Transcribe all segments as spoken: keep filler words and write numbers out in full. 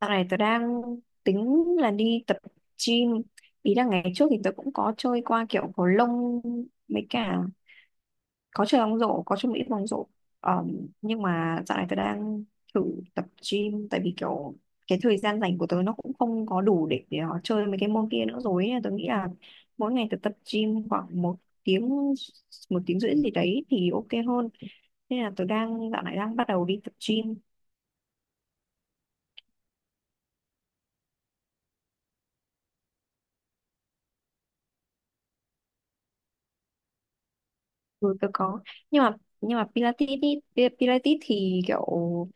Dạo này tớ đang tính là đi tập gym. Ý là ngày trước thì tớ cũng có chơi qua kiểu cầu lông mấy cả có chơi bóng rổ, có chơi một ít bóng rổ. Ờm, nhưng mà dạo này tớ đang thử tập gym, tại vì kiểu cái thời gian rảnh của tớ nó cũng không có đủ để, để nó chơi mấy cái môn kia nữa rồi ấy. Tớ nghĩ là mỗi ngày tớ tập gym khoảng một tiếng một tiếng rưỡi gì đấy thì ok hơn. Nên là tớ đang dạo này đang bắt đầu đi tập gym. Ừ, tôi có, nhưng mà nhưng mà Pilates, đi Pi- Pilates thì kiểu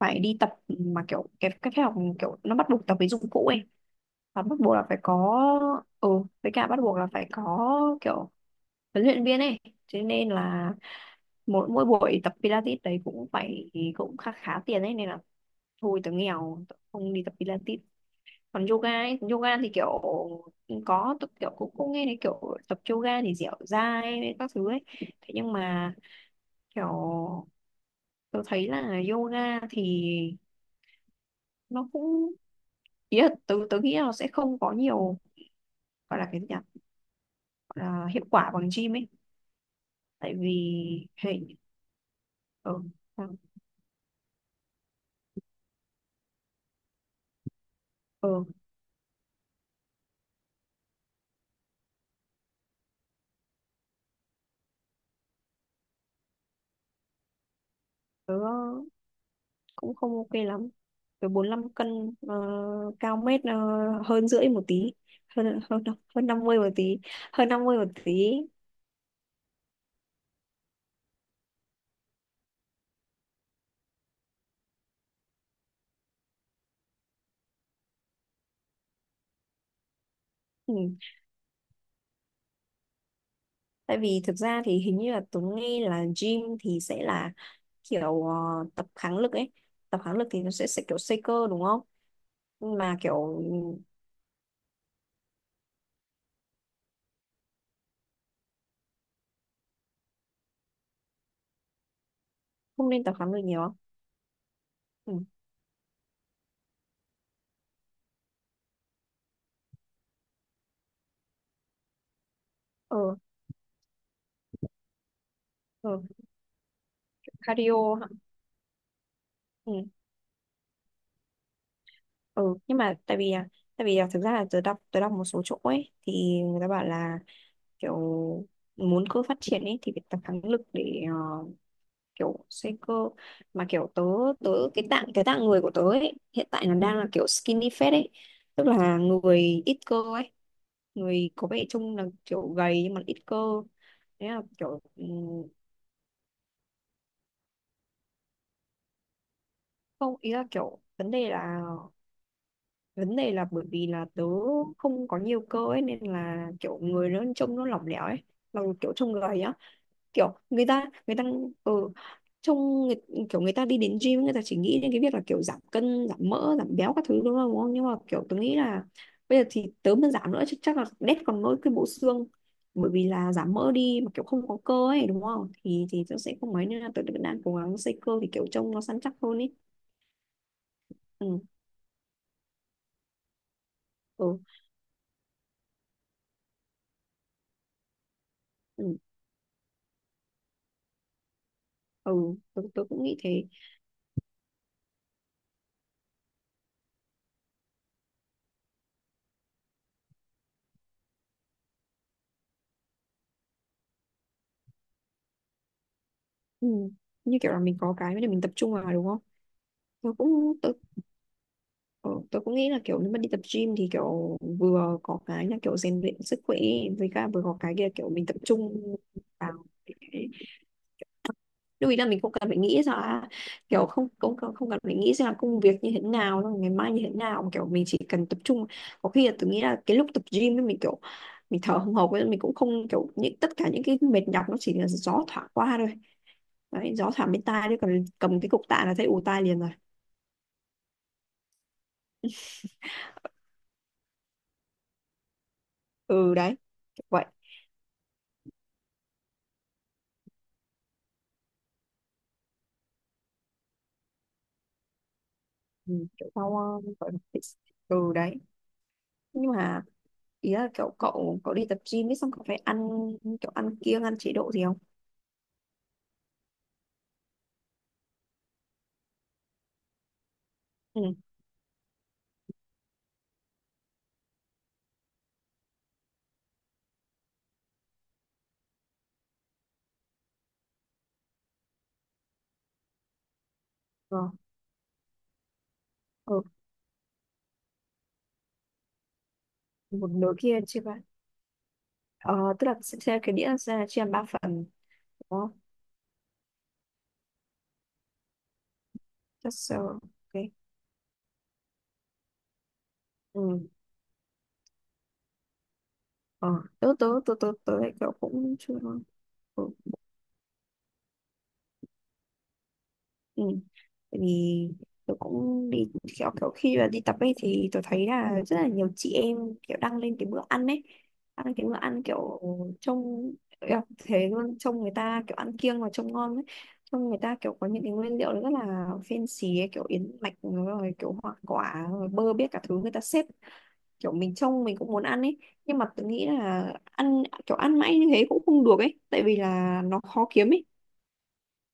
phải đi tập mà kiểu cái cái phòng kiểu nó bắt buộc tập với dụng cụ ấy, và bắt buộc là phải có, ừ với cả bắt buộc là phải có kiểu huấn luyện viên ấy, thế nên là mỗi mỗi buổi tập Pilates đấy cũng phải cũng khá khá tiền ấy, nên là thôi tớ nghèo tớ không đi tập Pilates. Còn yoga ấy, yoga thì kiểu có tôi kiểu cũng cũng nghe thấy kiểu tập yoga thì dẻo dai các thứ ấy, thế nhưng mà kiểu tớ thấy là yoga thì nó cũng, ý là tớ tớ nghĩ là nó sẽ không có nhiều, gọi là cái gì nhỉ, gọi là hiệu quả bằng gym ấy, tại vì hệ ờ ờ ờ, tớ cũng không ok lắm. Tớ bốn lăm cân, ờ, cao mét, ờ, hơn rưỡi một tí, hơn hơn hơn năm mươi một tí, hơn năm mươi một tí. Ừ, tại vì thực ra thì hình như là Tuấn nghe là gym thì sẽ là kiểu ờ, tập kháng lực ấy, tập kháng lực thì nó sẽ, sẽ kiểu xây cơ đúng không. Nhưng mà kiểu ừ, không nên tập kháng lực nhiều. Ừ. ờ ừ. Cardio hả? Ừ. Ừ. Nhưng mà tại vì à, tại vì à, thực ra là tớ đọc tớ đọc một số chỗ ấy thì người ta bảo là kiểu muốn cơ phát triển ấy thì phải tập kháng lực để ờ, kiểu xây cơ. Mà kiểu tớ, tớ cái tạng cái tạng người của tớ ấy hiện tại nó đang là kiểu skinny fat ấy, tức là người ít cơ ấy, người có vẻ trông là kiểu gầy nhưng mà ít cơ, thế là kiểu ừm, không, ý là kiểu vấn đề là, vấn đề là bởi vì là tớ không có nhiều cơ ấy nên là kiểu người nó trông nó lỏng lẻo ấy, mà kiểu trông gầy á, kiểu người ta người ta ở trong người, kiểu người ta đi đến gym người ta chỉ nghĩ đến cái việc là kiểu giảm cân giảm mỡ giảm béo các thứ đúng không, đúng không? Nhưng mà kiểu tôi nghĩ là bây giờ thì tớ mà giảm nữa chắc, chắc là đét còn nỗi cái bộ xương, bởi vì là giảm mỡ đi mà kiểu không có cơ ấy đúng không thì thì tớ sẽ không mấy, nên là tớ vẫn đang cố gắng xây cơ thì kiểu trông nó săn chắc hơn ấy. Ừ, ừ, ừ, ừ. Tớ, tớ cũng nghĩ thế. Ừ. Như kiểu là mình có cái để mình tập trung vào đúng không. Tớ cũng, ờ, tôi cũng nghĩ là kiểu nếu mà đi tập gym thì kiểu vừa có cái là kiểu rèn luyện sức khỏe, với cả vừa có cái kia kiểu mình tập trung vào cái- lưu ý là mình không cần phải nghĩ ra là kiểu không không không không cần phải nghĩ ra là công việc như thế nào xong ngày mai như thế nào mà kiểu mình chỉ cần tập trung. Có khi là tôi nghĩ là cái lúc tập gym ấy mình kiểu mình thở hồng hộc ấy, mình cũng không kiểu, những tất cả những cái mệt nhọc nó chỉ là gió thoảng qua thôi, đấy gió thoảng bên tai, đấy còn cầm cái cục tạ là thấy ù tai liền rồi. Ừ đấy, kiểu vậy. Ừ, kiểu sau ờ, gọi là bị- ừ đấy. Nhưng mà ý là kiểu cậu cậu đi tập gym ấy xong cậu phải ăn kiểu ăn kiêng ăn chế độ gì không. Ừ. ờ ừ, một nửa kia chia ba. Ờ, tức là sẽ sẽ cái đĩa sẽ chia làm ba phần đúng không. Just so, ok. Ừ. Ờ, tớ tớ tớ tớ tớ lại kiểu cũng chưa. Ừ. Ừ. Tại vì tôi cũng đi kiểu, kiểu khi mà đi tập ấy thì tôi thấy là rất là nhiều chị em kiểu đăng lên cái bữa ăn ấy, đăng lên cái bữa ăn kiểu trông, kiểu thế luôn, trông người ta kiểu ăn kiêng và trông ngon ấy, trông người ta kiểu có những cái nguyên liệu rất là fancy ấy, kiểu yến mạch rồi kiểu hoa quả rồi bơ biết cả thứ người ta xếp kiểu mình trông mình cũng muốn ăn ấy. Nhưng mà tôi nghĩ là ăn kiểu ăn mãi như thế cũng không được ấy, tại vì là nó khó kiếm ấy.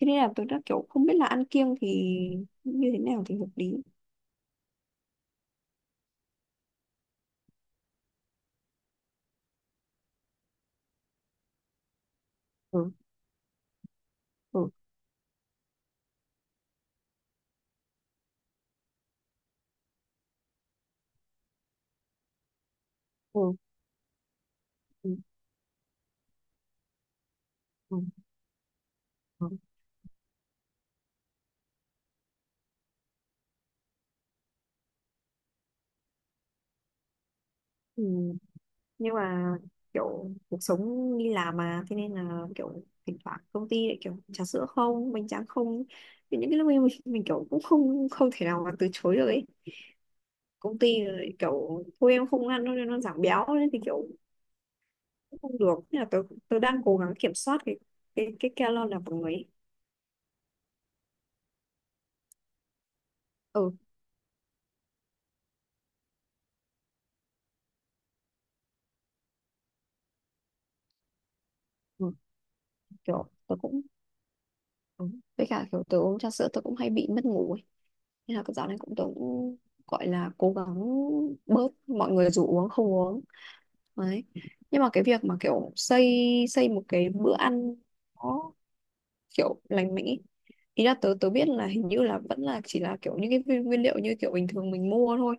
Thế nên là tôi đã kiểu không biết là ăn kiêng thì như thế nào thì hợp lý. Ừ, ừ, ừ, ừ, ừ, ừ. Ừ. Nhưng mà kiểu cuộc sống đi làm mà, thế nên là kiểu thỉnh thoảng công ty lại kiểu trà sữa không, bánh tráng không. Thì những cái lúc ấy mình, mình kiểu cũng không, không thể nào mà từ chối được ấy. Công ty lại kiểu thôi em không ăn đâu nên nó giảm béo nên thì kiểu cũng không được. Thế là tôi tôi đang cố gắng kiểm soát cái cái cái calo là của người ấy. Ừ, ừ, kiểu tôi cũng. Ừ. Với cả kiểu tớ uống trà sữa tớ cũng hay bị mất ngủ ấy. Nên là cái dạo này cũng tớ cũng gọi là cố gắng bớt, mọi người rủ uống không uống. Đấy. Nhưng mà cái việc mà kiểu xây xây một cái bữa ăn nó kiểu lành mạnh ý. Ý là tớ tớ biết là hình như là vẫn là chỉ là kiểu những cái nguyên nguyên liệu như kiểu bình thường mình mua thôi.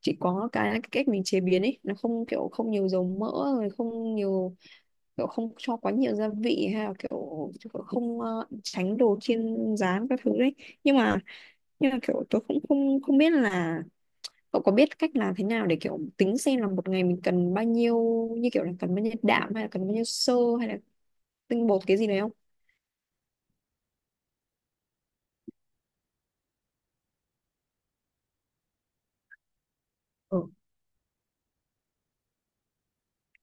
Chỉ có cái, là cái cách mình chế biến ấy nó không kiểu không nhiều dầu mỡ, rồi không nhiều kiểu, không cho quá nhiều gia vị, hay là kiểu, kiểu không ờ, tránh đồ chiên rán các thứ đấy. Nhưng mà nhưng mà kiểu tôi cũng không, không biết là cậu có biết cách làm thế nào để kiểu tính xem là một ngày mình cần bao nhiêu, như kiểu là cần bao nhiêu đạm hay là cần bao nhiêu xơ hay là tinh bột cái gì đấy không. Ừ,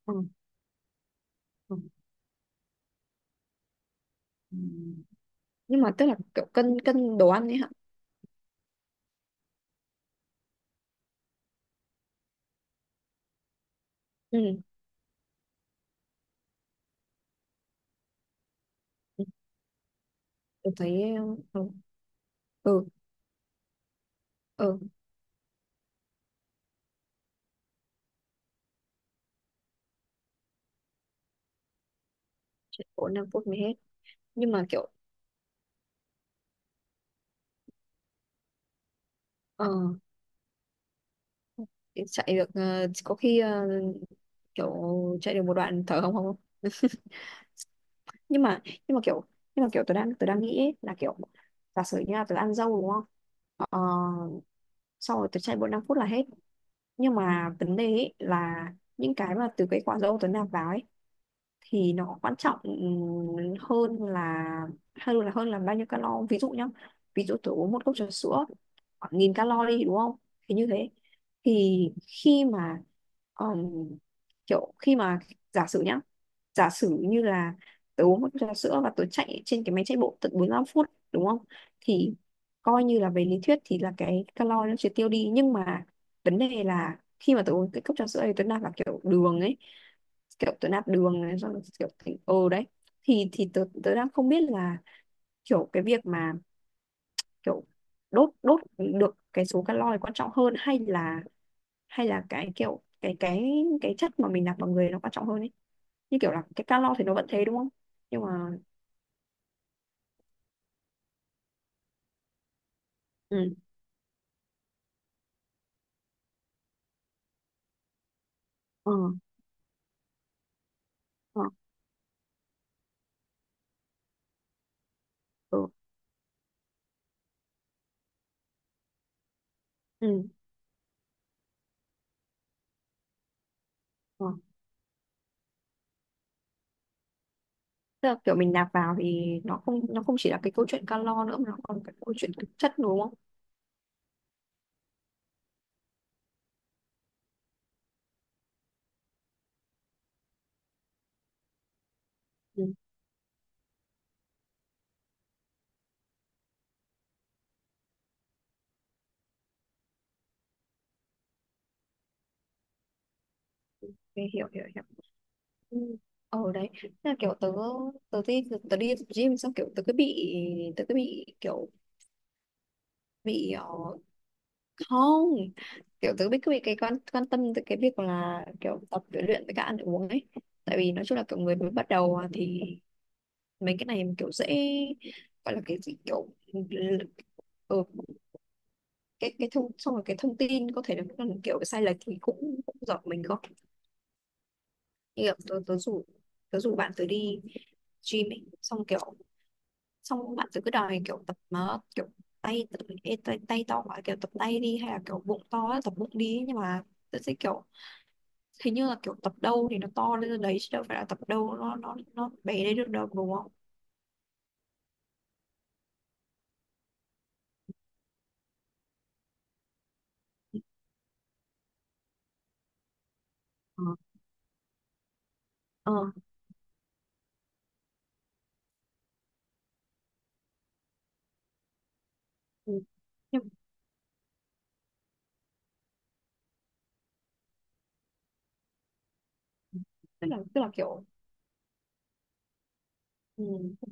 ừ, ừ. Ừ. Nhưng mà tức là kiểu cân cân đồ ăn ấy hả. Ừ, ừ, tôi thấy. Ừ. Ừ. Ừ, chỉ có năm phút mới hết. Nhưng mà kiểu ờ chạy được ờ, có khi kiểu chạy được một đoạn thở hồng hộc. Nhưng mà nhưng mà kiểu nhưng mà kiểu tôi đang, tôi đang nghĩ ấy, là kiểu giả sử như là tôi ăn dâu đúng không. ờ, Sau rồi tôi chạy bộ năm phút là hết. Nhưng mà vấn đề ấy là những cái mà từ cái quả dâu tôi nạp vào ấy thì nó quan trọng, ừm, hơn là hơn là hơn là bao nhiêu calo. Ví dụ nhá, ví dụ tôi uống một cốc trà sữa khoảng nghìn calo đi đúng không. Thì như thế, thì khi mà ừm, kiểu khi mà giả sử nhá giả sử như là tớ uống một cốc trà sữa và tớ chạy trên cái máy chạy bộ tận bốn lăm phút đúng không. Thì coi như là về lý thuyết thì là cái calo nó chưa tiêu đi, nhưng mà vấn đề là khi mà tớ uống cái cốc trà sữa thì tớ nạp vào kiểu đường ấy, kiểu tớ nạp đường này xong rồi kiểu thành ừ đấy. Thì thì tớ, tớ đang không biết là kiểu cái việc mà kiểu đốt đốt được cái số calo này quan trọng hơn, hay là hay là cái kiểu cái cái cái chất mà mình nạp vào người nó quan trọng hơn ấy. Như kiểu là cái calo thì nó vẫn thế đúng không. Nhưng mà ừ ờ ờ ừ, ừ. Ừ. Tức là kiểu mình nạp vào thì nó không, nó không chỉ là cái câu chuyện calo nữa mà nó còn cái câu chuyện thực chất đúng không. Ừ. Ok, hiểu hiểu hiểu. Ừ. Ờ đấy, thế là kiểu tớ tớ đi tớ đi tập gym xong kiểu tớ cứ bị, tớ cứ bị kiểu bị ờ, không kiểu tớ bị cứ bị cái quan quan tâm tới cái việc là kiểu tập với luyện với cả ăn uống ấy, tại vì nói chung là kiểu người mới bắt đầu à, thì mấy cái này kiểu dễ, gọi là cái gì kiểu, ừ, cái cái thông, xong rồi cái thông tin có thể là còn kiểu sai lệch thì cũng cũng giọt mình không. Như kiểu tớ tớ rủ tớ rủ bạn tớ đi gym ấy xong kiểu xong bạn tôi cứ đòi kiểu tập nó kiểu tay tự- ê, tay, tay to quá kiểu tập tay đi, hay là kiểu bụng to á, tập bụng đi. Nhưng mà tôi sẽ kiểu hình như là kiểu tập đâu thì nó to lên đấy chứ đâu phải là tập đâu nó nó nó bé đấy được đâu đúng không. Ờ, ờ. Ừ. Nhưng tức là tức là kiểu ừ,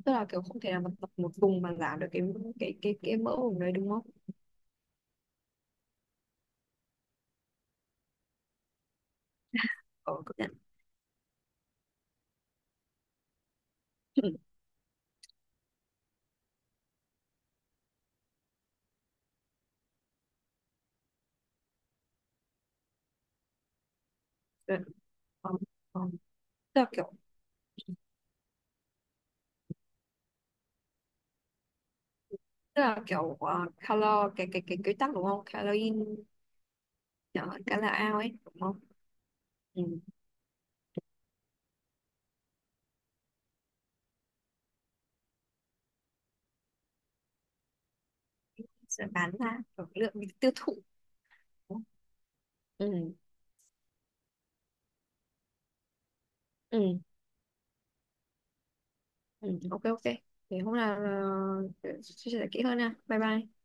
tức là kiểu không thể nào mà tập một vùng mà giảm được cái cái cái cái mỡ vùng đấy đúng không. Ờ, công nhận. Ờ, ờ, ờ. Tức là kiểu tức là kiểu uh, calor cái cái cái quy tắc đúng không, calorie uh, calo out ấy đúng không. Ừ. Sẽ bán ra ở lượng tiêu thụ. Ừ. Ừ. Ừ. Ok ok, thì hôm nào ờ, chia sẻ kỹ hơn nha. Bye bye.